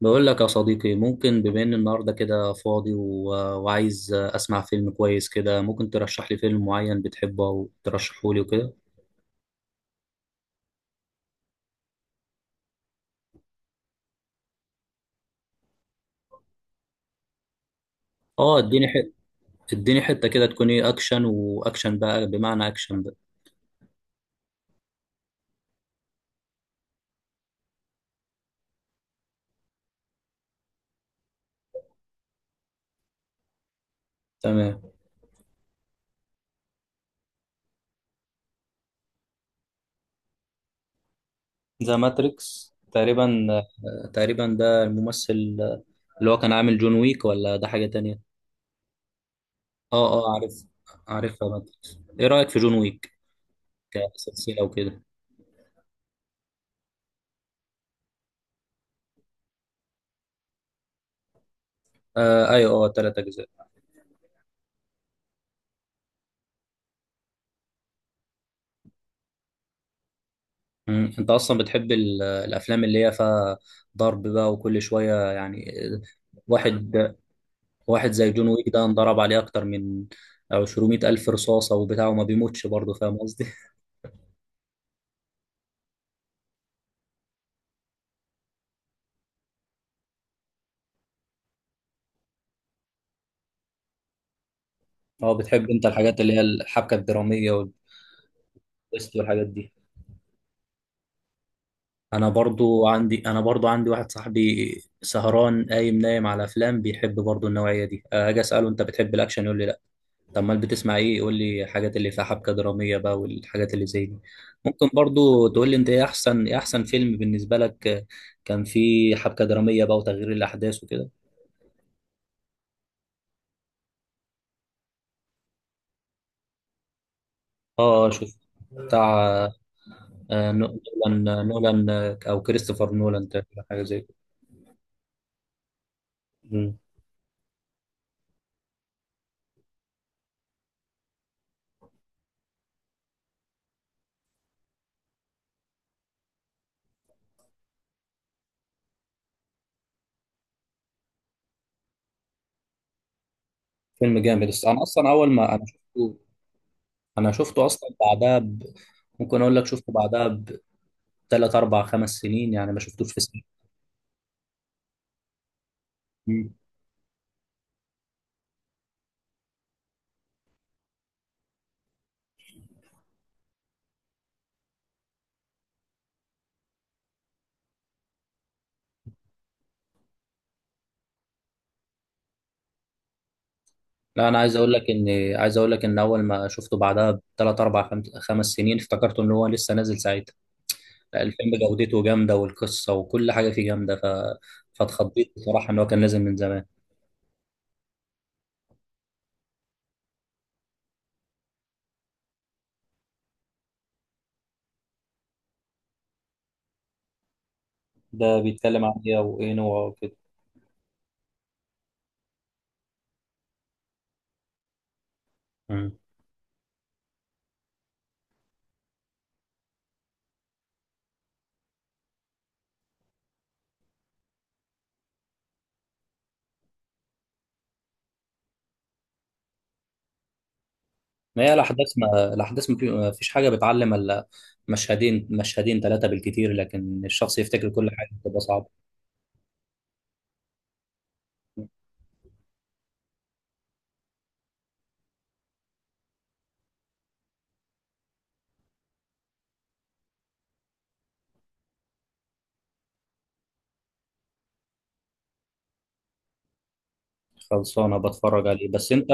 بقول لك يا صديقي، ممكن بما ان النهارده كده فاضي و... وعايز اسمع فيلم كويس كده، ممكن ترشح لي فيلم معين بتحبه او ترشحه لي وكده؟ اه، اديني حته. كده تكون ايه، اكشن. واكشن بقى، بمعنى اكشن بقى. تمام. ذا ماتريكس، تقريبا. ده الممثل اللي هو كان عامل جون ويك، ولا ده حاجة تانية؟ اه اه، عارف. عارفها ماتريكس. ايه رأيك في جون ويك كسلسلة وكده؟ آه ايوه، اه، تلات اجزاء. مم. انت اصلا بتحب الافلام اللي هي فيها ضرب بقى وكل شويه يعني؟ واحد واحد زي جون ويك ده، انضرب عليه اكتر من 200 الف رصاصه وبتاع، وما بيموتش برضه، فاهم قصدي؟ اه، بتحب انت الحاجات اللي هي الحبكه الدراميه والتويست والحاجات دي. انا برضو عندي واحد صاحبي سهران قايم نايم على افلام، بيحب برضو النوعيه دي. اجي اساله: انت بتحب الاكشن؟ يقول لي: طب امال بتسمع ايه؟ قول لي الحاجات اللي فيها حبكه دراميه بقى والحاجات اللي زي دي. ممكن برضو تقول لي انت ايه احسن فيلم بالنسبه لك، كان فيه حبكه دراميه بقى وتغيير الاحداث وكده. اه، شوف بتاع آه، نو- نولان، او كريستوفر نولان، تقريبا حاجه زي كده. مم. فيلم جامد، بس انا اصلا اول ما انا شفته اصلا بعدها. ممكن اقول لك شفته بعدها بثلاث اربع خمس سنين، يعني ما شفتوش في سنين. لا، انا عايز اقول لك ان اول ما شفته بعدها بثلاث اربع خمس سنين، افتكرته ان هو لسه نازل ساعتها. لا، الفيلم جودته جامده والقصه وكل حاجه فيه جامده، فاتخضيت بصراحه ان هو كان نازل من زمان. ده بيتكلم عن ايه وايه نوعه وكده؟ مم. ما هي الاحداث، ما فيش حاجه بتعلم الا مشهدين، ثلاثه بالكتير، لكن الشخص يفتكر كل حاجه بتبقى صعبه. خلصانه بتفرج عليه بس انت.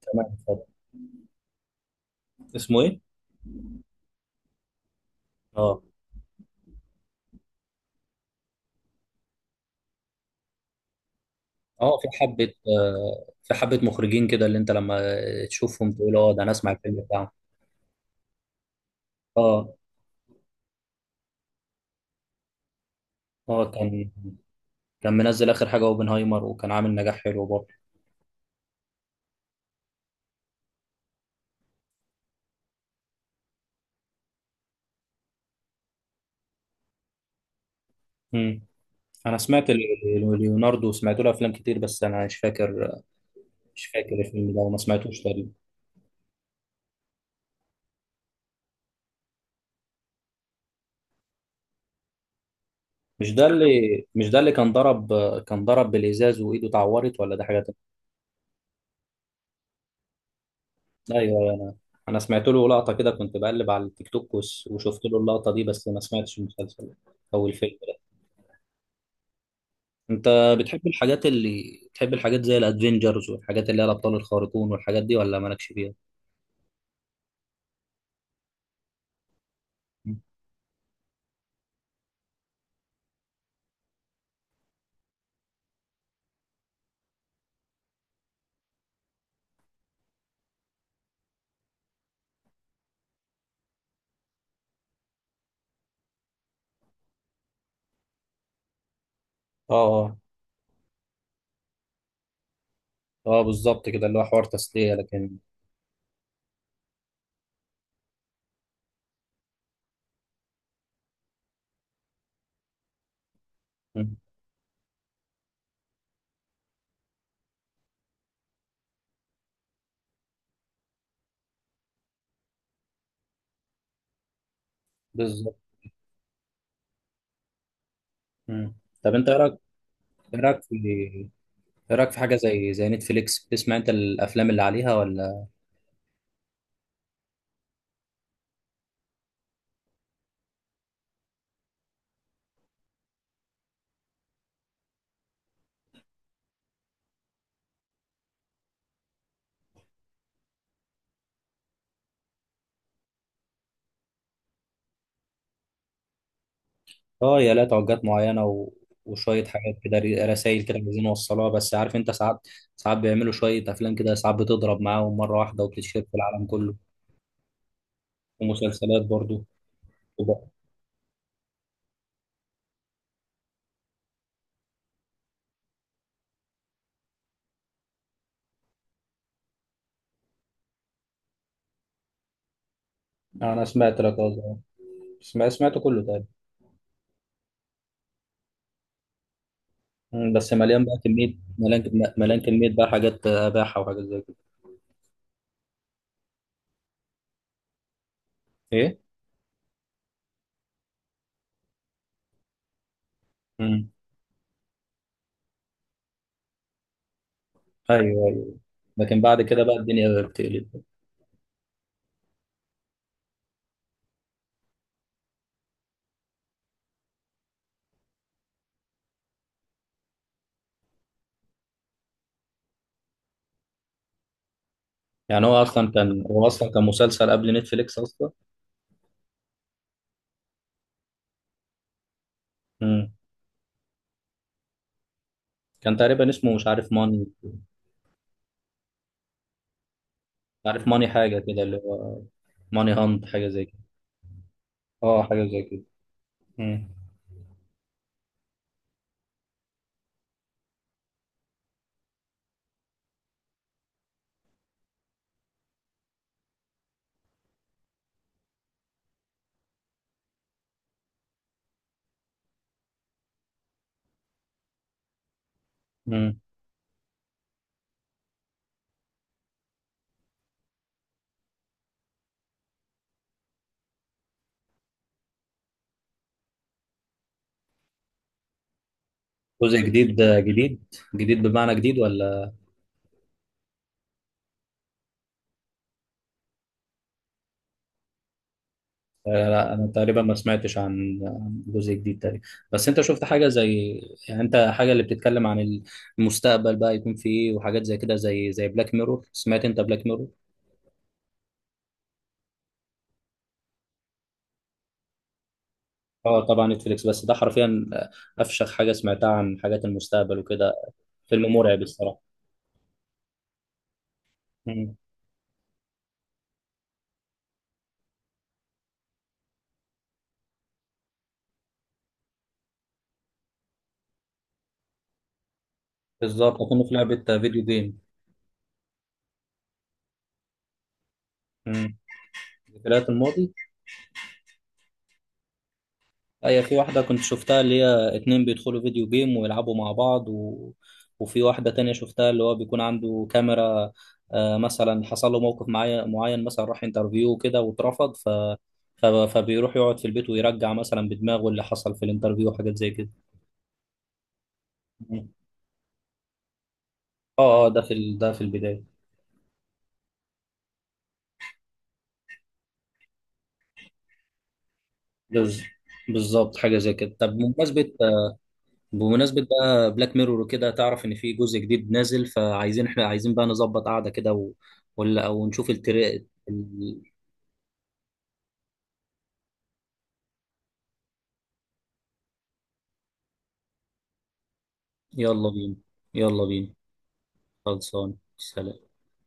تمام، اتفضل. اسمه ايه؟ اه اه، في حبة. مخرجين كده، اللي انت لما تشوفهم تقول: اه، ده انا اسمع الفيلم بتاعهم. اه اه، كان منزل اخر حاجة اوبنهايمر، وكان عامل نجاح حلو برضه. امم. انا سمعت ليوناردو، سمعت له افلام كتير، بس انا مش فاكر. مش فاكر الفيلم ده وما سمعتوش تقريبا. مش ده اللي مش ده اللي كان ضرب بالازاز وايده اتعورت، ولا ده حاجة تانية؟ ايوه أيوه. انا سمعت له لقطة كده، كنت بقلب على التيك توك، وشفت له اللقطة دي، بس ما سمعتش المسلسل او الفيلم. انت بتحب الحاجات، اللي بتحب الحاجات زي الادفنجرز، والحاجات اللي هي الابطال الخارقون والحاجات دي، ولا مالكش فيها؟ مم. اه اه اه، بالظبط كده اللي هو حوار تسلية لكن. مم. بالظبط. مم. طب انت ايه رايك في حاجه زي نتفليكس، بتسمع انت الافلام اللي عليها ولا؟ اه، يا لا، توجهات معينه وشويه حاجات كده، رسائل كده عايزين نوصلها، بس عارف انت ساعات، بيعملوا شويه افلام كده ساعات بتضرب معاهم مره واحده وبتتشهر في العالم كله. ومسلسلات برضو. انا سمعت لك، قصدي سمعت سمعته كله تقريبا. مم، بس مليان بقى كميه، مليان كميه بقى حاجات اباحه وحاجات زي كده. ايه. امم. ايوه ايوه، لكن بعد كده بقى الدنيا بتقلب. يعني هو اصلا كان مسلسل قبل نتفليكس اصلا. امم. كان تقريبا اسمه مش عارف ماني حاجه كده، اللي هو ماني هانت حاجه زي كده. اه، حاجه زي كده. امم. امم. جزء جديد جديد، جديد بمعنى جديد ولا؟ لا، انا تقريبا ما سمعتش عن جزء جديد تقريبا. بس انت شفت حاجه زي، يعني انت حاجه اللي بتتكلم عن المستقبل بقى يكون في ايه وحاجات زي كده، زي بلاك ميرور، سمعت انت بلاك ميرور؟ اه طبعا، نتفليكس، بس ده حرفيا افشخ حاجه سمعتها عن حاجات المستقبل وكده، فيلم مرعب الصراحه. مم. بالظبط، كنا في لعبه فيديو جيم. مم. ذكريات الماضي. هي في واحدة كنت شفتها اللي هي اتنين بيدخلوا فيديو جيم ويلعبوا مع بعض، وفي واحدة تانية شفتها اللي هو بيكون عنده كاميرا. مثلا حصل له موقف معين، مثلا راح انترفيو كده واترفض، فبيروح يقعد في البيت ويرجع مثلا بدماغه اللي حصل في الانترفيو وحاجات زي كده. اه اه، ده في البداية. بز... بالظبط حاجة زي كده. طب بمناسبة بقى بلاك ميرور وكده، تعرف إن في جزء جديد نازل؟ إحنا عايزين بقى نظبط قعدة كده ولا أو نشوف التري. يلا بينا. يلا بينا. خلصان، سلام.